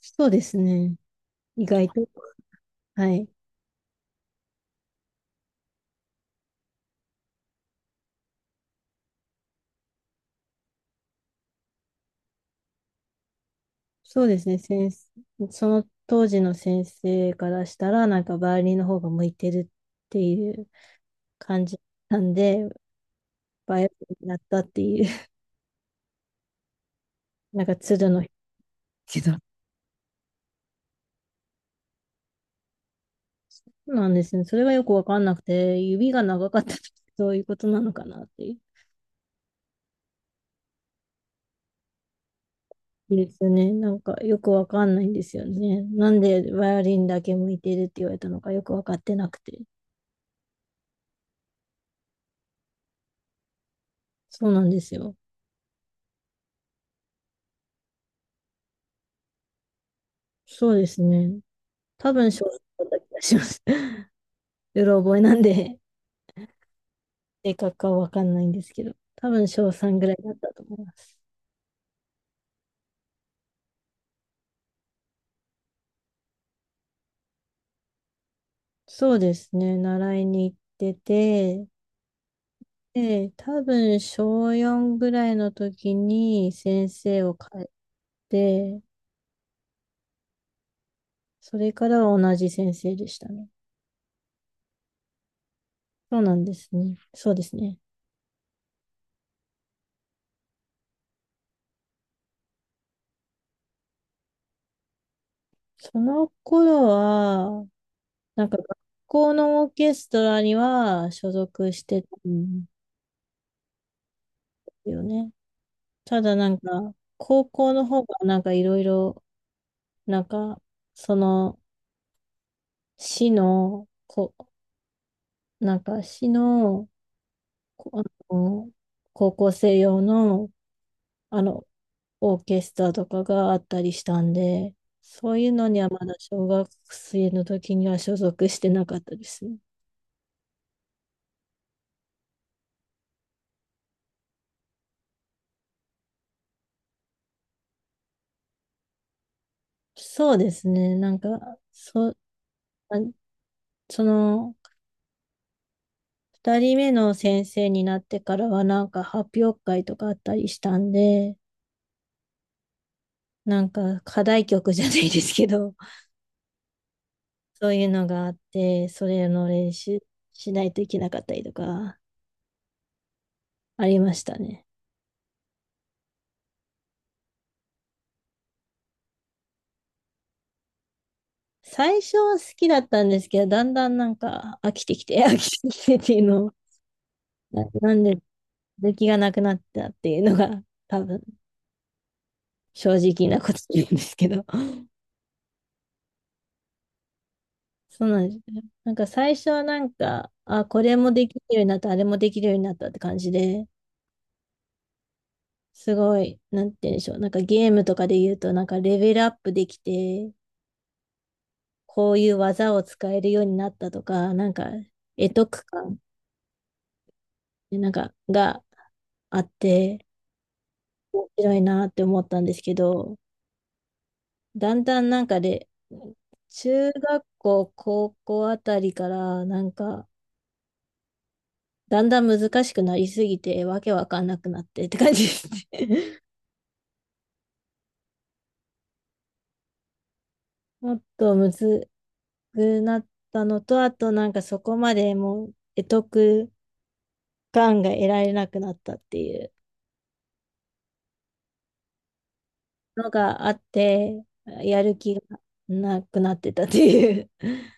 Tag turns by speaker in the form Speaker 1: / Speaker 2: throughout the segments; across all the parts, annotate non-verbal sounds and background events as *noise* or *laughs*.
Speaker 1: そうですね。意外と。はい。そうですね。先生、その当時の先生からしたら、なんかバイオリンの方が向いてるっていう感じなんで、バイオリンになったっていう。*laughs* なんか鶴の人なんですね。それがよくわかんなくて、指が長かったと、そういうことなのかなっていう。ですよね。なんかよくわかんないんですよね。なんでバイオリンだけ向いてるって言われたのかよくわかってなくて。そうなんですよ。そうですね。多分少3だった気がします。*laughs* うろ覚えなんで、正確かはわかんないんですけど、多分小3ぐらいだったと思います。そうですね、習いに行ってて、で、多分小4ぐらいの時に先生を変えて、それからは同じ先生でしたね。そうなんですね。そうですね。その頃は、なんか学校のオーケストラには所属してたんですよね。ただなんか、高校の方がなんかいろいろ、なんか、その、市の、こ、市の、こあの、高校生用の、あの、オーケストラとかがあったりしたんで、そういうのにはまだ小学生の時には所属してなかったですね。そうですね。なんか、あその、二人目の先生になってからはなんか発表会とかあったりしたんで、なんか課題曲じゃないですけど、*laughs* そういうのがあって、それの練習しないといけなかったりとか、ありましたね。最初は好きだったんですけど、だんだんなんか飽きてきて、*laughs* 飽きてきてっていうのを、なんで、続きがなくなったっていうのが、多分、正直なことなんですけど。そうなんですね。なんか最初はなんか、あ、これもできるようになった、あれもできるようになったって感じで、すごい、なんて言うんでしょう。なんかゲームとかで言うと、なんかレベルアップできて、こういう技を使えるようになったとか、なんか得得感、なんかがあって、面白いなって思ったんですけど、だんだんなんかで、中学校、高校あたりから、なんか、だんだん難しくなりすぎて、わけわかんなくなってって感じですね。*laughs* もっとむずくなったのと、あとなんかそこまでもう、得得がんが得られなくなったっていうのがあって、やる気がなくなってたっていう。*laughs*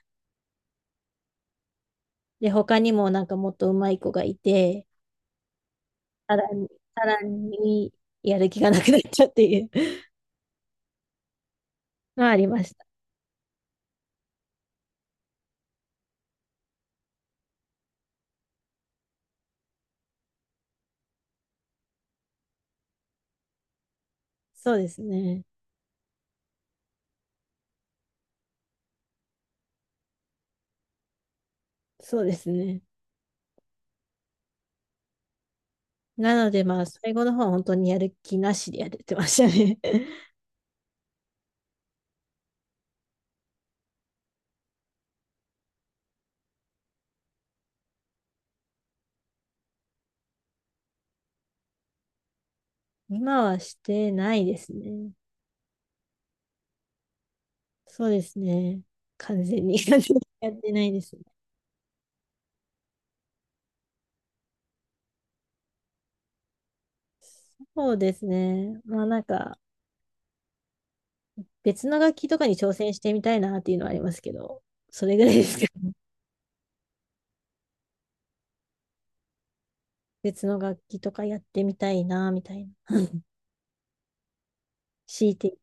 Speaker 1: で、他にもなんかもっと上手い子がいて、さらに、さらにやる気がなくなっちゃうっていう *laughs* のはありました。そうですね。そうですね。なのでまあ、最後の方は本当にやる気なしでやれてましたね。*laughs* 今はしてないですね。そうですね。完全に *laughs* 完全にやってないですね。そうですね。まあなんか、別の楽器とかに挑戦してみたいなっていうのはありますけど、それぐらいですけど、*laughs* 別の楽器とかやってみたいな、みたいな。強いて。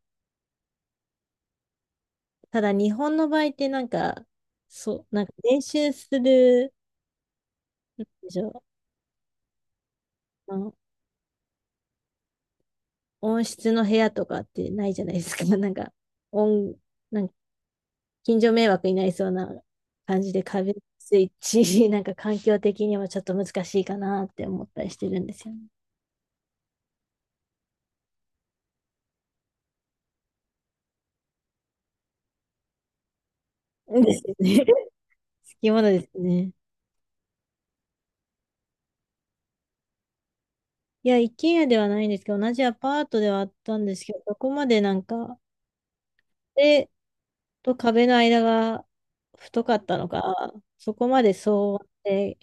Speaker 1: ただ日本の場合ってなんか、そう、なんか練習する、なんでしょう、あの音質の部屋とかってないじゃないですか。*laughs* なんか、音、なんか近所迷惑になりそうな感じで壁スイッチ、*laughs* なんか環境的にはちょっと難しいかなって思ったりしてるんですよね。*laughs* ですよね。*laughs* 好きものですね。いや、一軒家ではないんですけど、同じアパートではあったんですけど、そこまでなんか、壁と壁の間が太かったのか、そこまで騒音で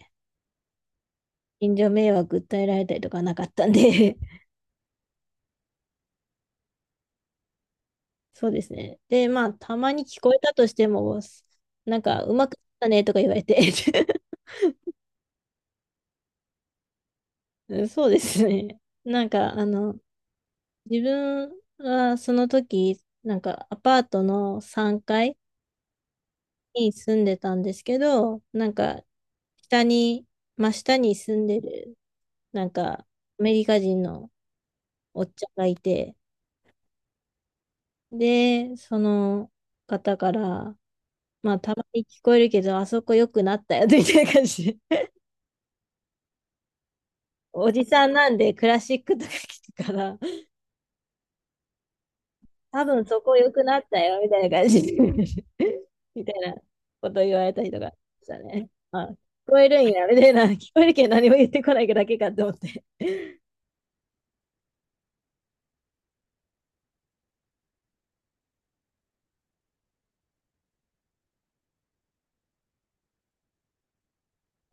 Speaker 1: 近所迷惑訴えられたりとかなかったんで。 *laughs* そうですね。で、まあ、たまに聞こえたとしても、なんか、うまくいったねとか言われて。 *laughs* うん、そうですね。なんか、自分はその時、なんかアパートの3階に住んでたんですけど、なんか、下に、真下に住んでる、なんか、アメリカ人のおっちゃんがいて、で、その方から、まあ、たまに聞こえるけど、あそこ良くなったよ、みたいな感じで。*laughs* おじさんなんでクラシックとか聞くから、多分そこ良くなったよ、みたいな感じで。 *laughs* みたいなこと言われたりとかしたね。あ、聞こえるんや、みたいな。聞こえるけど何も言ってこないだけかと思って。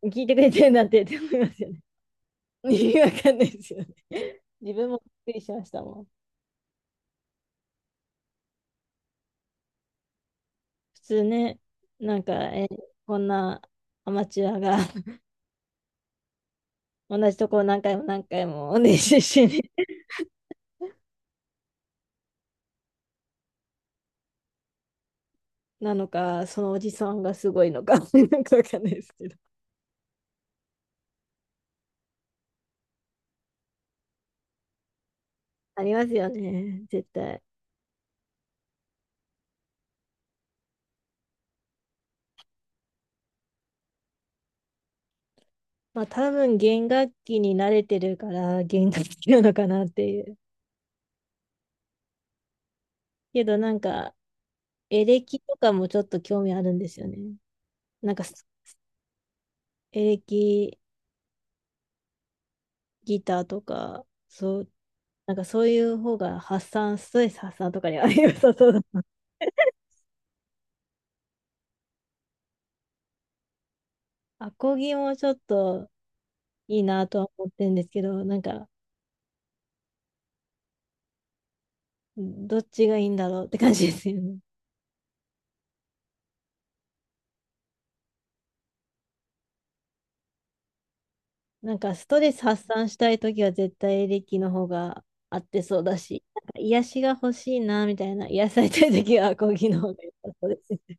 Speaker 1: 聞いてくれてるなんてって思いますよね。*laughs* 意味わかんないですよね。自分もびっくりしましたもん。普通ね、なんか、こんなアマチュアが *laughs* 同じとこを何回も何回も練習してね。 *laughs* なのか、そのおじさんがすごいのか。 *laughs* なんかわかんないですけど。ありますよね、絶対。まあ多分弦楽器に慣れてるから弦楽器なのかなっていう。けどなんかエレキとかもちょっと興味あるんですよね。なんかエレキギターとか、そう、なんかそういう方がストレス発散とかには *laughs* 良さそうだな。アコギもちょっといいなとは思ってるんですけど、なんか、どっちがいいんだろうって感じですよね。なんかストレス発散したいときは絶対エレキの方が合ってそうだし、なんか癒しが欲しいなみたいな、癒されたいときはアコギの方が良さそうですね。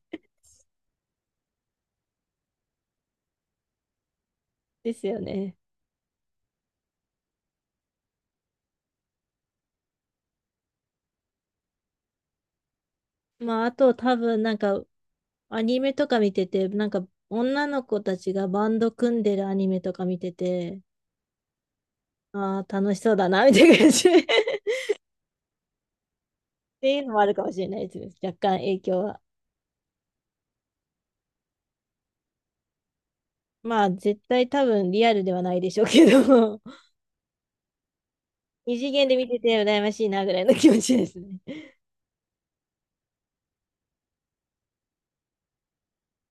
Speaker 1: ですよね。まあ、あと多分なんかアニメとか見てて、なんか女の子たちがバンド組んでるアニメとか見てて、ああ、楽しそうだな、みたいな感じ。*laughs* っていうのもあるかもしれないですね。若干影響は。まあ、絶対多分リアルではないでしょうけど、*laughs* 二次元で見てて羨ましいな、ぐらいの気持ちですね。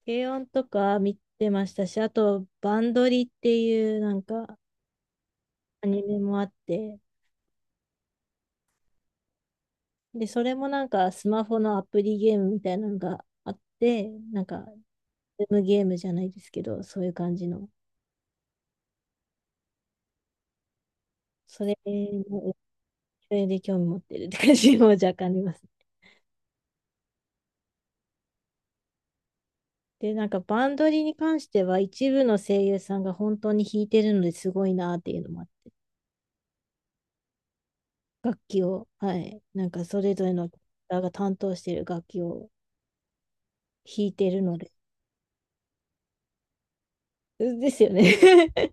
Speaker 1: 軽音とか見てましたし、あと、バンドリっていうなんかアニメもあって、で、それもなんかスマホのアプリゲームみたいなのがあって、なんか、ズームゲームじゃないですけど、そういう感じの、それの影響で興味持ってるって感じも若干あります。で、なんかバンドリに関しては一部の声優さんが本当に弾いてるのですごいなっていうのもあって、楽器を、はい、なんかそれぞれのキターが担当してる楽器を弾いてるので、*laughs* ですよね。 *laughs* で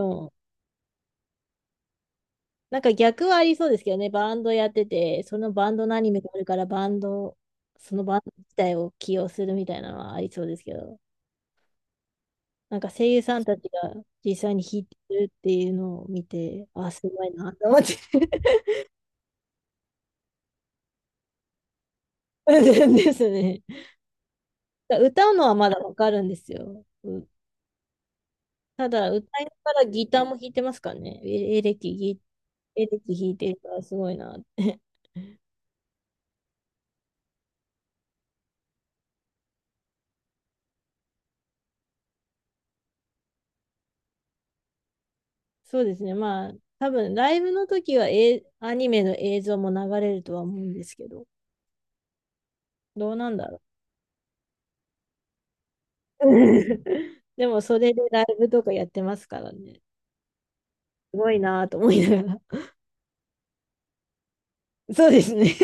Speaker 1: も、なんか逆はありそうですけどね、バンドやってて、そのバンドのアニメがあるから、バンド、そのバンド自体を起用するみたいなのはありそうですけど、なんか声優さんたちが実際に弾いてるっていうのを見て、あ、すごいなと思って。 *laughs* ですね。歌うのはまだわかるんですよ。ただ、歌いながらギターも弾いてますからね。エレキ弾いてるからすごいなって。*laughs* そうですね。まあ、多分ライブの時は、アニメの映像も流れるとは思うんですけど、どうなんだろう。*laughs* でも、それでライブとかやってますからね。すごいなと思いながら。*laughs* そうですね。